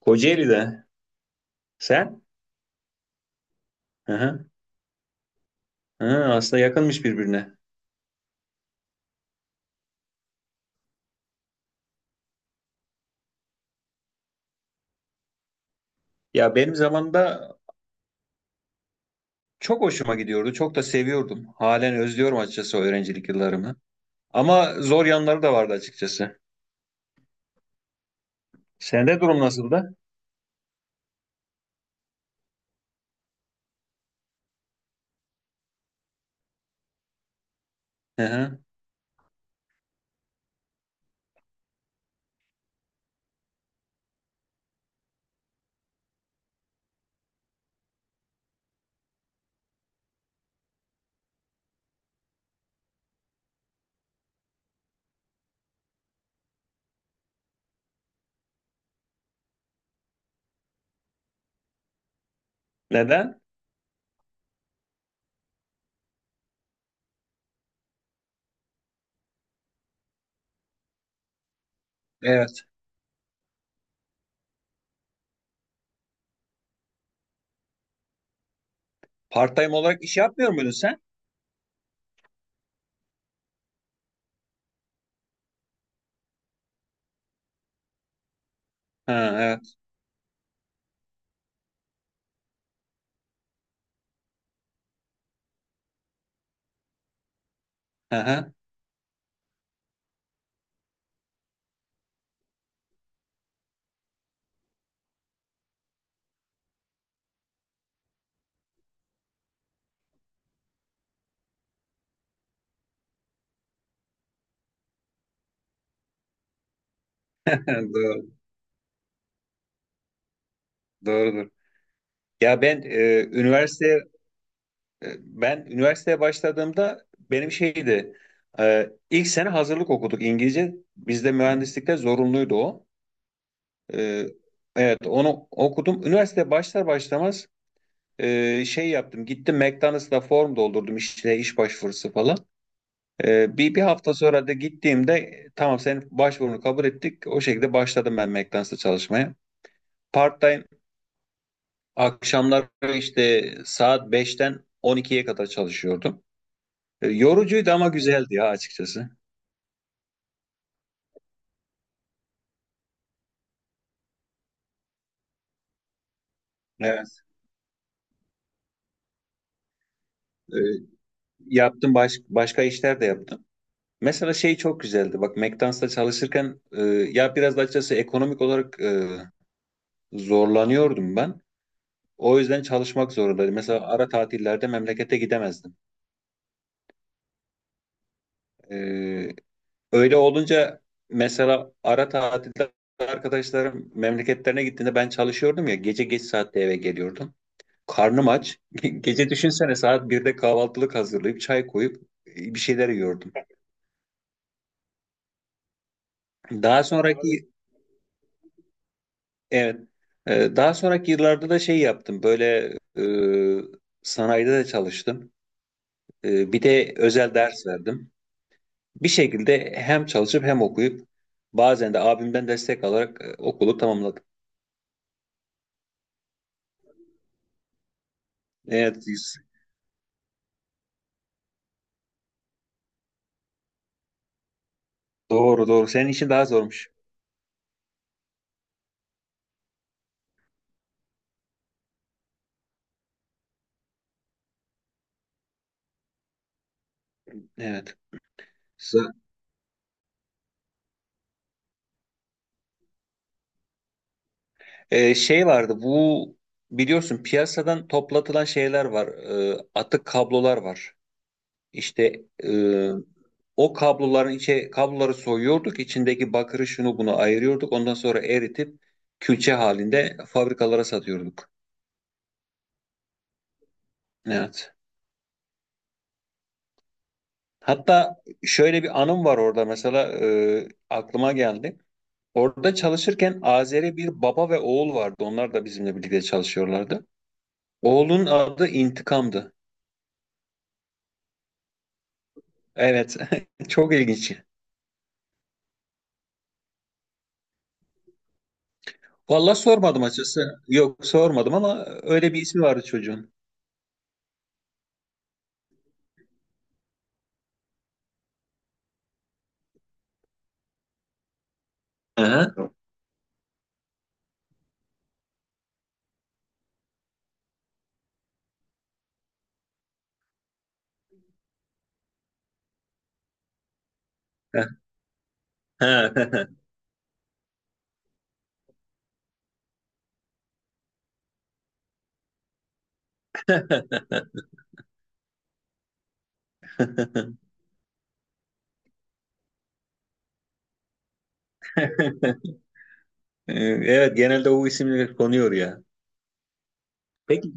Kocaeli'de. Sen? Hı hı. Hı, aslında yakınmış birbirine. Ya benim zamanımda çok hoşuma gidiyordu. Çok da seviyordum. Halen özlüyorum açıkçası o öğrencilik yıllarımı. Ama zor yanları da vardı açıkçası. Sende durum nasıldı? Hı hı. Neden? Evet. Part-time olarak iş yapmıyor muydun sen? Ha, evet. Hı hı. Doğru, doğrudur. Ya ben ben üniversiteye başladığımda benim şeydi. İlk sene hazırlık okuduk İngilizce. Bizde mühendislikte zorunluydu o. Ee, evet onu okudum. Üniversite başlar başlamaz şey yaptım. Gittim McDonald's'ta form doldurdum işte iş başvurusu falan. Bir hafta sonra da gittiğimde tamam senin başvurunu kabul ettik. O şekilde başladım ben McDonald's'ta çalışmaya. Part-time akşamlar işte saat beşten on ikiye kadar çalışıyordum. Yorucuydu ama güzeldi ya açıkçası. Evet. Ee, Başka işler de yaptım. Mesela şey çok güzeldi. Bak McDonald's'ta çalışırken ya biraz da açıkçası ekonomik olarak zorlanıyordum ben. O yüzden çalışmak zorundaydım. Mesela ara tatillerde memlekete gidemezdim. E, Öyle olunca mesela ara tatilde arkadaşlarım memleketlerine gittiğinde ben çalışıyordum ya gece geç saatte eve geliyordum. Karnım aç. Gece düşünsene saat birde kahvaltılık hazırlayıp çay koyup bir şeyler yiyordum. Daha sonraki Evet. Daha sonraki yıllarda da şey yaptım. Sanayide de çalıştım. Bir de özel ders verdim. Bir şekilde hem çalışıp hem okuyup bazen de abimden destek alarak okulu tamamladım. Evet. biz- Doğru doğru. Senin için daha zormuş. Evet. Sa- Şey vardı bu biliyorsun piyasadan toplatılan şeyler var. E, atık kablolar var. İşte o kabloların içe kabloları soyuyorduk, içindeki bakırı şunu bunu ayırıyorduk. Ondan sonra eritip külçe halinde fabrikalara satıyorduk. Evet. Hatta şöyle bir anım var orada mesela aklıma geldi. Orada çalışırken Azeri bir baba ve oğul vardı. Onlar da bizimle birlikte çalışıyorlardı. Oğlun adı İntikam'dı. Evet, çok ilginç. Vallahi sormadım açıkçası. Yok sormadım ama öyle bir ismi vardı çocuğun. Hı hı. Evet genelde o isimler konuyor ya. Peki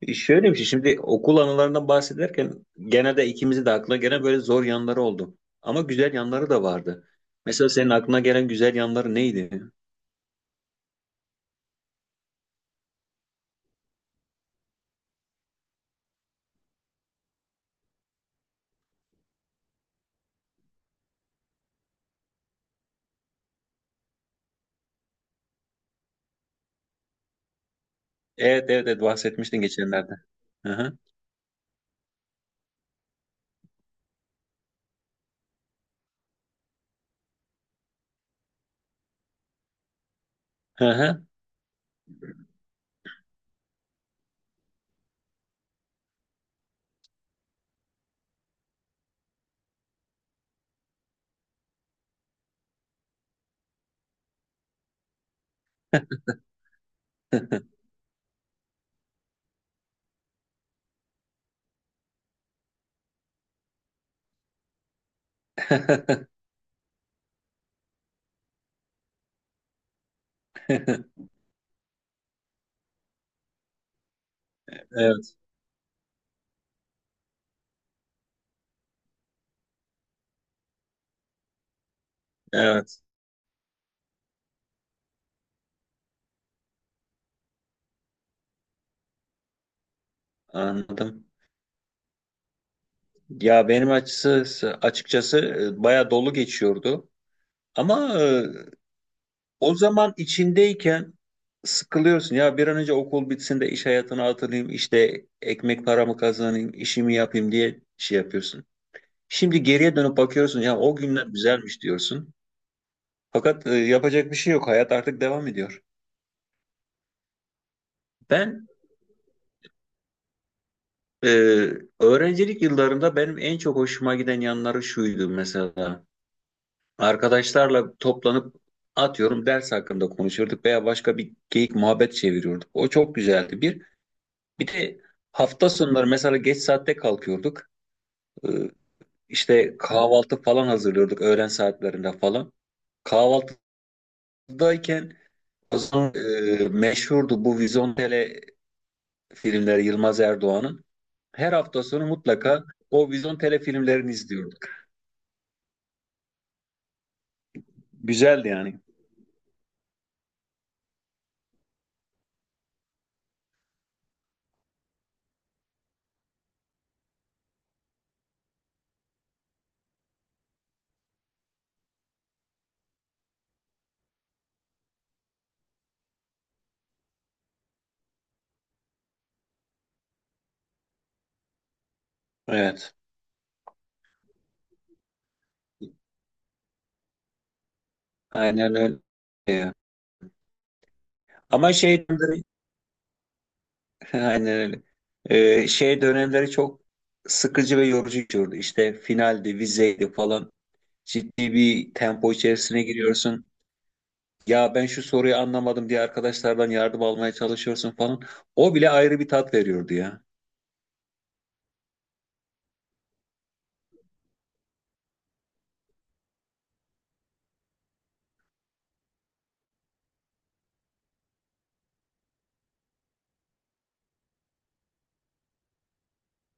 şöyle bir şey şimdi okul anılarından bahsederken genelde ikimizi de aklına gelen böyle zor yanları oldu. Ama güzel yanları da vardı. Mesela senin aklına gelen güzel yanları neydi? Evet evet, evet bahsetmiştin geçenlerde. Hı hı. Hı hı. Evet evet, anladım. Ya benim açısı açıkçası bayağı dolu geçiyordu. Ama e, O zaman içindeyken sıkılıyorsun ya bir an önce okul bitsin de iş hayatına atılayım işte ekmek paramı kazanayım işimi yapayım diye şey yapıyorsun. Şimdi geriye dönüp bakıyorsun ya o günler güzelmiş diyorsun. Fakat yapacak bir şey yok hayat artık devam ediyor. Ben e, öğrencilik yıllarımda benim en çok hoşuma giden yanları şuydu mesela. Arkadaşlarla toplanıp atıyorum ders hakkında konuşurduk veya başka bir geyik muhabbet çeviriyorduk. O çok güzeldi. Bir Bir de hafta sonları mesela geç saatte kalkıyorduk. Ee, işte kahvaltı falan hazırlıyorduk öğlen saatlerinde falan. Kahvaltıdayken o zaman meşhurdu bu Vizontele filmleri Yılmaz Erdoğan'ın. Her hafta sonu mutlaka o Vizontele filmlerini izliyorduk. Güzeldi yani. Evet. Aynen öyle. Ee, Ama şey dönemleri, aynen öyle. Şey dönemleri çok sıkıcı ve yorucu geçiyordu. İşte finaldi, vizeydi falan. Ciddi bir tempo içerisine giriyorsun. Ya ben şu soruyu anlamadım diye arkadaşlardan yardım almaya çalışıyorsun falan. O bile ayrı bir tat veriyordu ya.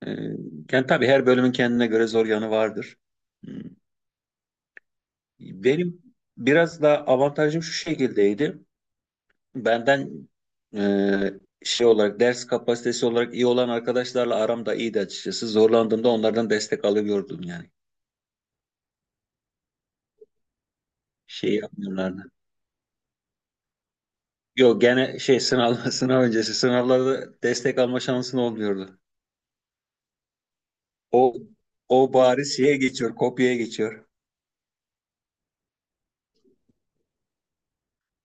Ee, Yani tabii her bölümün kendine göre zor yanı vardır. Hmm. Benim biraz da avantajım şu şekildeydi. Benden şey olarak ders kapasitesi olarak iyi olan arkadaşlarla aram da iyiydi açıkçası. Zorlandığımda onlardan destek alıyordum yani. Şey yapmıyorlardı. Yok gene şey sınav sınav öncesi sınavlarda destek alma şansın olmuyordu. O o bari şeye geçiyor, kopyaya geçiyor.